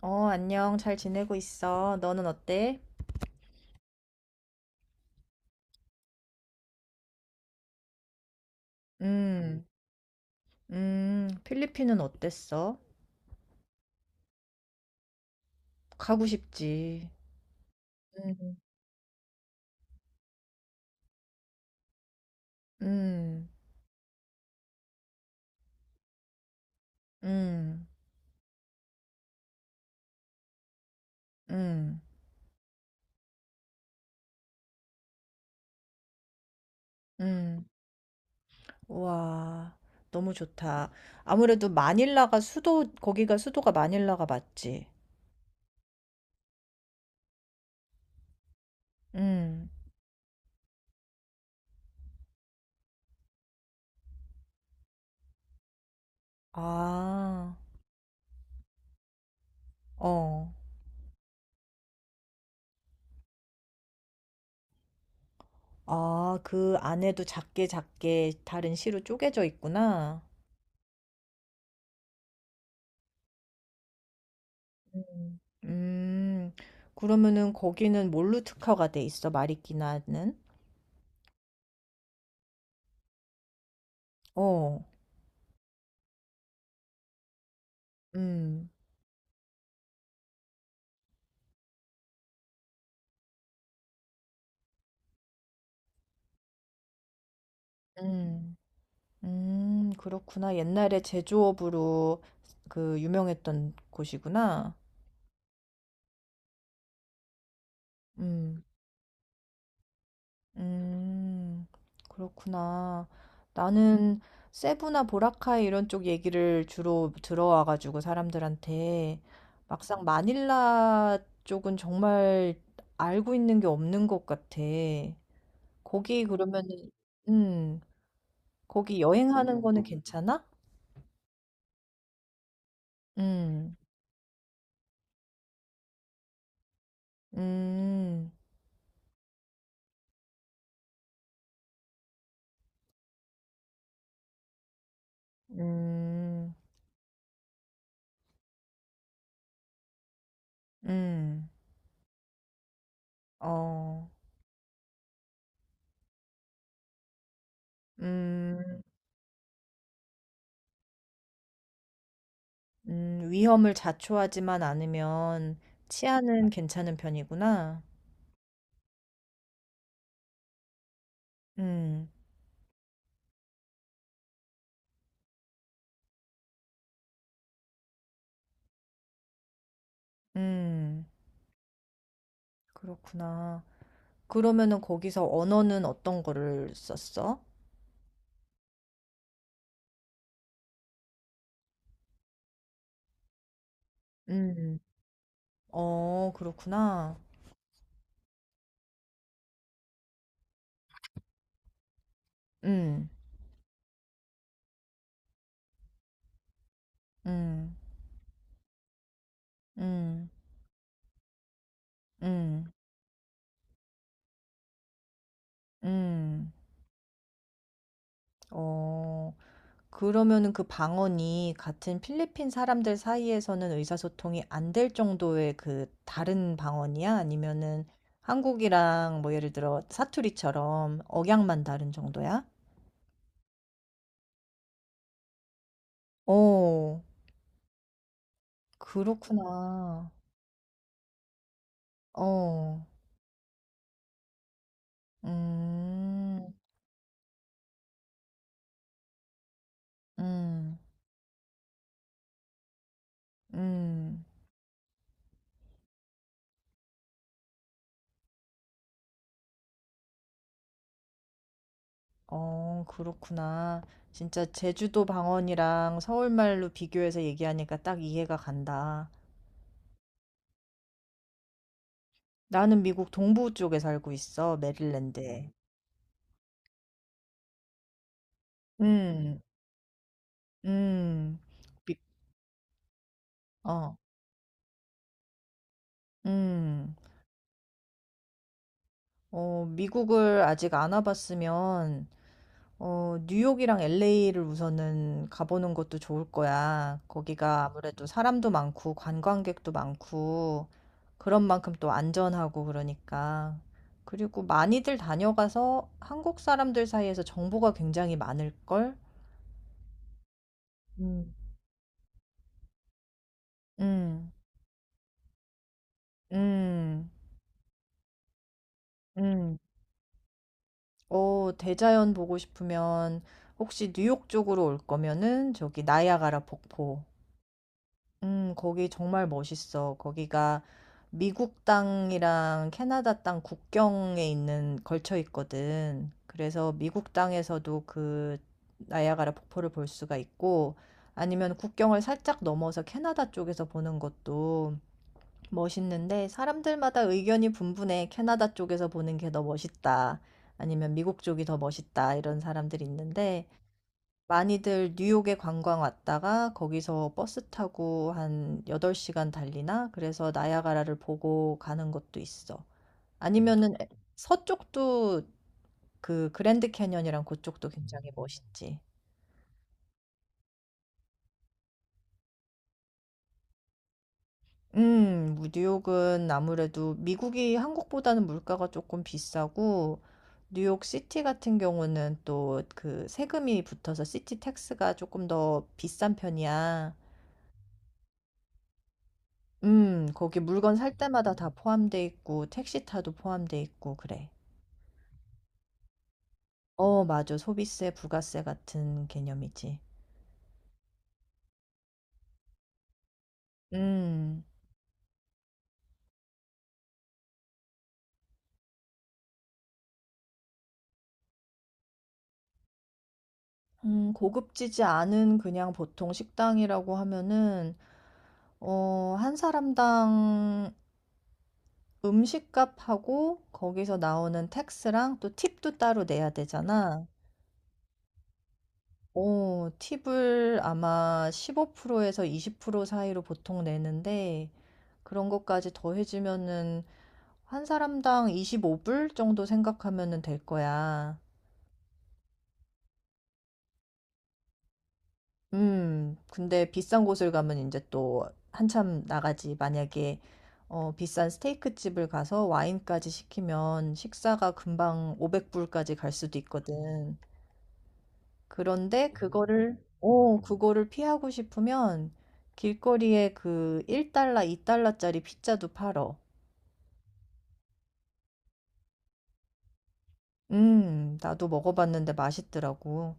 어, 안녕. 잘 지내고 있어. 너는 어때? 음. 음. 필리핀은 어땠어? 가고 싶지. 음. 음. 음. 음. 음. 와, 너무 좋다. 아무래도 마닐라가 수도, 거기가 수도가 마닐라가 맞지? 음. 아. 어. 아, 그 안에도 작게 작게 다른 시로 쪼개져 있구나. 음. 그러면은 거기는 뭘로 특화가 돼 있어? 마리끼나는? 어. 음. 음. 그렇구나. 옛날에 제조업으로 그 유명했던 곳이구나. 음. 음, 그렇구나. 나는 세부나 보라카이 이런 쪽 얘기를 주로 들어와가지고 사람들한테 막상 마닐라 쪽은 정말 알고 있는 게 없는 것 같아. 거기 그러면은 음. 거기 여행하는 거는 괜찮아? 음. 음. 음. 음. 어. 음. 음. 위험을 자초하지만 않으면 치안은 괜찮은 편이구나. 음. 음, 그렇구나. 그러면은 거기서 언어는 어떤 거를 썼어? 음. 어, 그렇구나. 음. 음. 음. 음. 음. 어. 그러면은 그 방언이 같은 필리핀 사람들 사이에서는 의사소통이 안 될 정도의 그 다른 방언이야? 아니면은 한국이랑 뭐 예를 들어 사투리처럼 억양만 다른 정도야? 어, 그렇구나. 어. 음. 음. 음. 어, 그렇구나. 진짜 제주도 방언이랑 서울말로 비교해서 얘기하니까 딱 이해가 간다. 나는 미국 동부 쪽에 살고 있어, 메릴랜드에. 음. 음. 미 어. 음. 어, 미국을 아직 안 와 봤으면 어, 뉴욕이랑 LA를 우선은 가보는 것도 좋을 거야. 거기가 아무래도 사람도 많고 관광객도 많고 그런 만큼 또 안전하고 그러니까. 그리고 많이들 다녀가서 한국 사람들 사이에서 정보가 굉장히 많을 걸? 음. 음. 음. 음. 어, 대자연 보고 싶으면 혹시 뉴욕 쪽으로 올 거면은 저기 나이아가라 폭포. 거기 정말 멋있어. 거기가 미국 땅이랑 캐나다 땅 국경에 있는 걸쳐 있거든. 그래서 미국 땅에서도 그 나이아가라 폭포를 볼 수가 있고 아니면 국경을 살짝 넘어서 캐나다 쪽에서 보는 것도 멋있는데 사람들마다 의견이 분분해. 캐나다 쪽에서 보는 게 더 멋있다. 아니면 미국 쪽이 더 멋있다. 이런 사람들이 있는데 많이들 뉴욕에 관광 왔다가 거기서 버스 타고 한 8시간 달리나? 그래서 나야가라를 보고 가는 것도 있어. 음. 아니면은 서쪽도 그 그랜드 캐니언이랑 그쪽도 굉장히 멋있지. 음. 뭐 뉴욕은 아무래도 미국이 한국보다는 물가가 조금 비싸고 뉴욕 시티 같은 경우는 또 그 세금이 붙어서 시티 택스가 조금 더 비싼 편이야. 음. 거기 물건 살 때마다 다 포함돼 있고 택시 타도 포함돼 있고 그래. 어, 맞아. 소비세, 부가세 같은 개념이지. 음. 음, 고급지지 않은 그냥 보통 식당이라고 하면은 어, 한 사람당 음식값하고 거기서 나오는 택스랑 또 팁도 따로 내야 되잖아. 어, 팁을 아마 15%에서 20% 사이로 보통 내는데 그런 것까지 더해지면은 한 사람당 25불 정도 생각하면은 될 거야. 근데 비싼 곳을 가면 이제 또 한참 나가지. 만약에 어, 비싼 스테이크 집을 가서 와인까지 시키면 식사가 금방 500불까지 갈 수도 있거든. 그런데 그거를 어, 그거를 피하고 싶으면 길거리에 그 1달러, 2달러짜리 피자도 팔어. 나도 먹어봤는데 맛있더라고.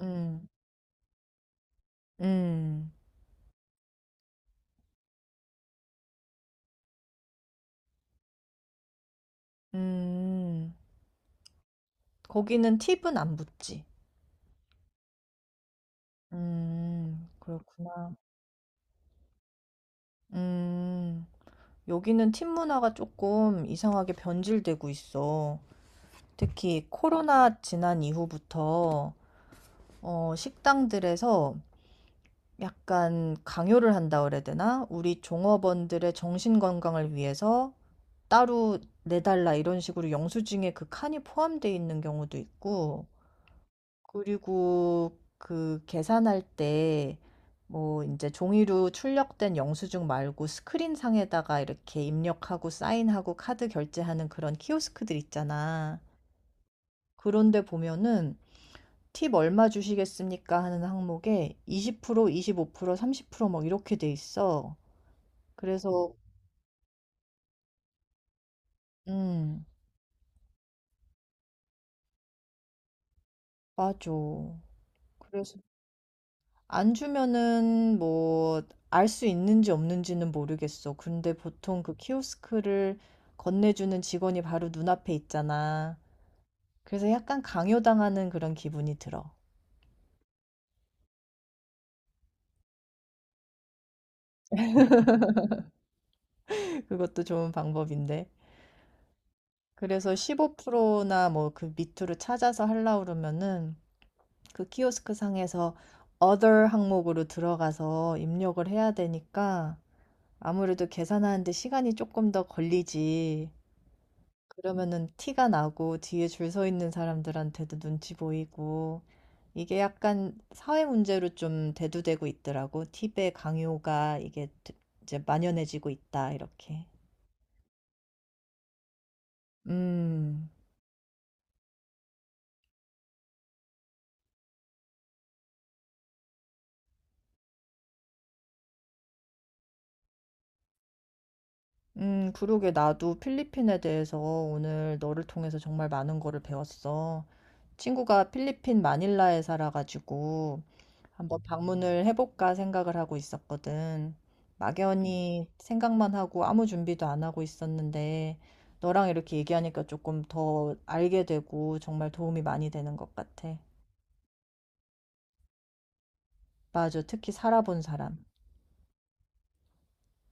음. 음. 음. 거기는 팁은 안 붙지. 그렇구나. 음, 여기는 팁 문화가 조금 이상하게 변질되고 있어. 특히 코로나 지난 이후부터 어, 식당들에서 약간 강요를 한다 그래야 되나? 우리 종업원들의 정신 건강을 위해서 따로 내달라 이런 식으로 영수증에 그 칸이 포함되어 있는 경우도 있고, 그리고 그 계산할 때 뭐 이제 종이로 출력된 영수증 말고 스크린 상에다가 이렇게 입력하고 사인하고 카드 결제하는 그런 키오스크들 있잖아. 그런데 보면은 팁 얼마 주시겠습니까 하는 항목에 20%, 25%, 30%막 이렇게 돼 있어. 그래서 음, 맞아. 그래서 안 주면은 뭐 알 수 있는지 없는지는 모르겠어. 근데 보통 그 키오스크를 건네주는 직원이 바로 눈앞에 있잖아. 그래서 약간 강요당하는 그런 기분이 들어. 그것도 좋은 방법인데. 그래서 15%나 뭐 그 밑으로 찾아서 하려고 그러면은 그 키오스크 상에서 other 항목으로 들어가서 입력을 해야 되니까 아무래도 계산하는데 시간이 조금 더 걸리지. 그러면은 티가 나고 뒤에 줄 서 있는 사람들한테도 눈치 보이고 이게 약간 사회 문제로 좀 대두되고 있더라고. 팁의 강요가 이게 드 이제 만연해지고 있다 이렇게. 음. 음, 그러게 나도 필리핀에 대해서 오늘 너를 통해서 정말 많은 거를 배웠어. 친구가 필리핀 마닐라에 살아 가지고 한번 방문을 해볼까 생각을 하고 있었거든. 막연히 생각만 하고 아무 준비도 안 하고 있었는데, 너랑 이렇게 얘기하니까 조금 더 알게 되고 정말 도움이 많이 되는 것 같아. 맞아. 특히 살아본 사람.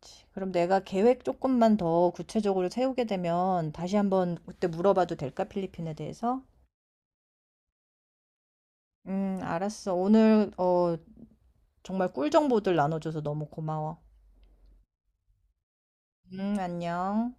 그치. 그럼 내가 계획 조금만 더 구체적으로 세우게 되면 다시 한번 그때 물어봐도 될까? 필리핀에 대해서? 알았어. 오늘 어, 정말 꿀 정보들 나눠줘서 너무 고마워. 안녕.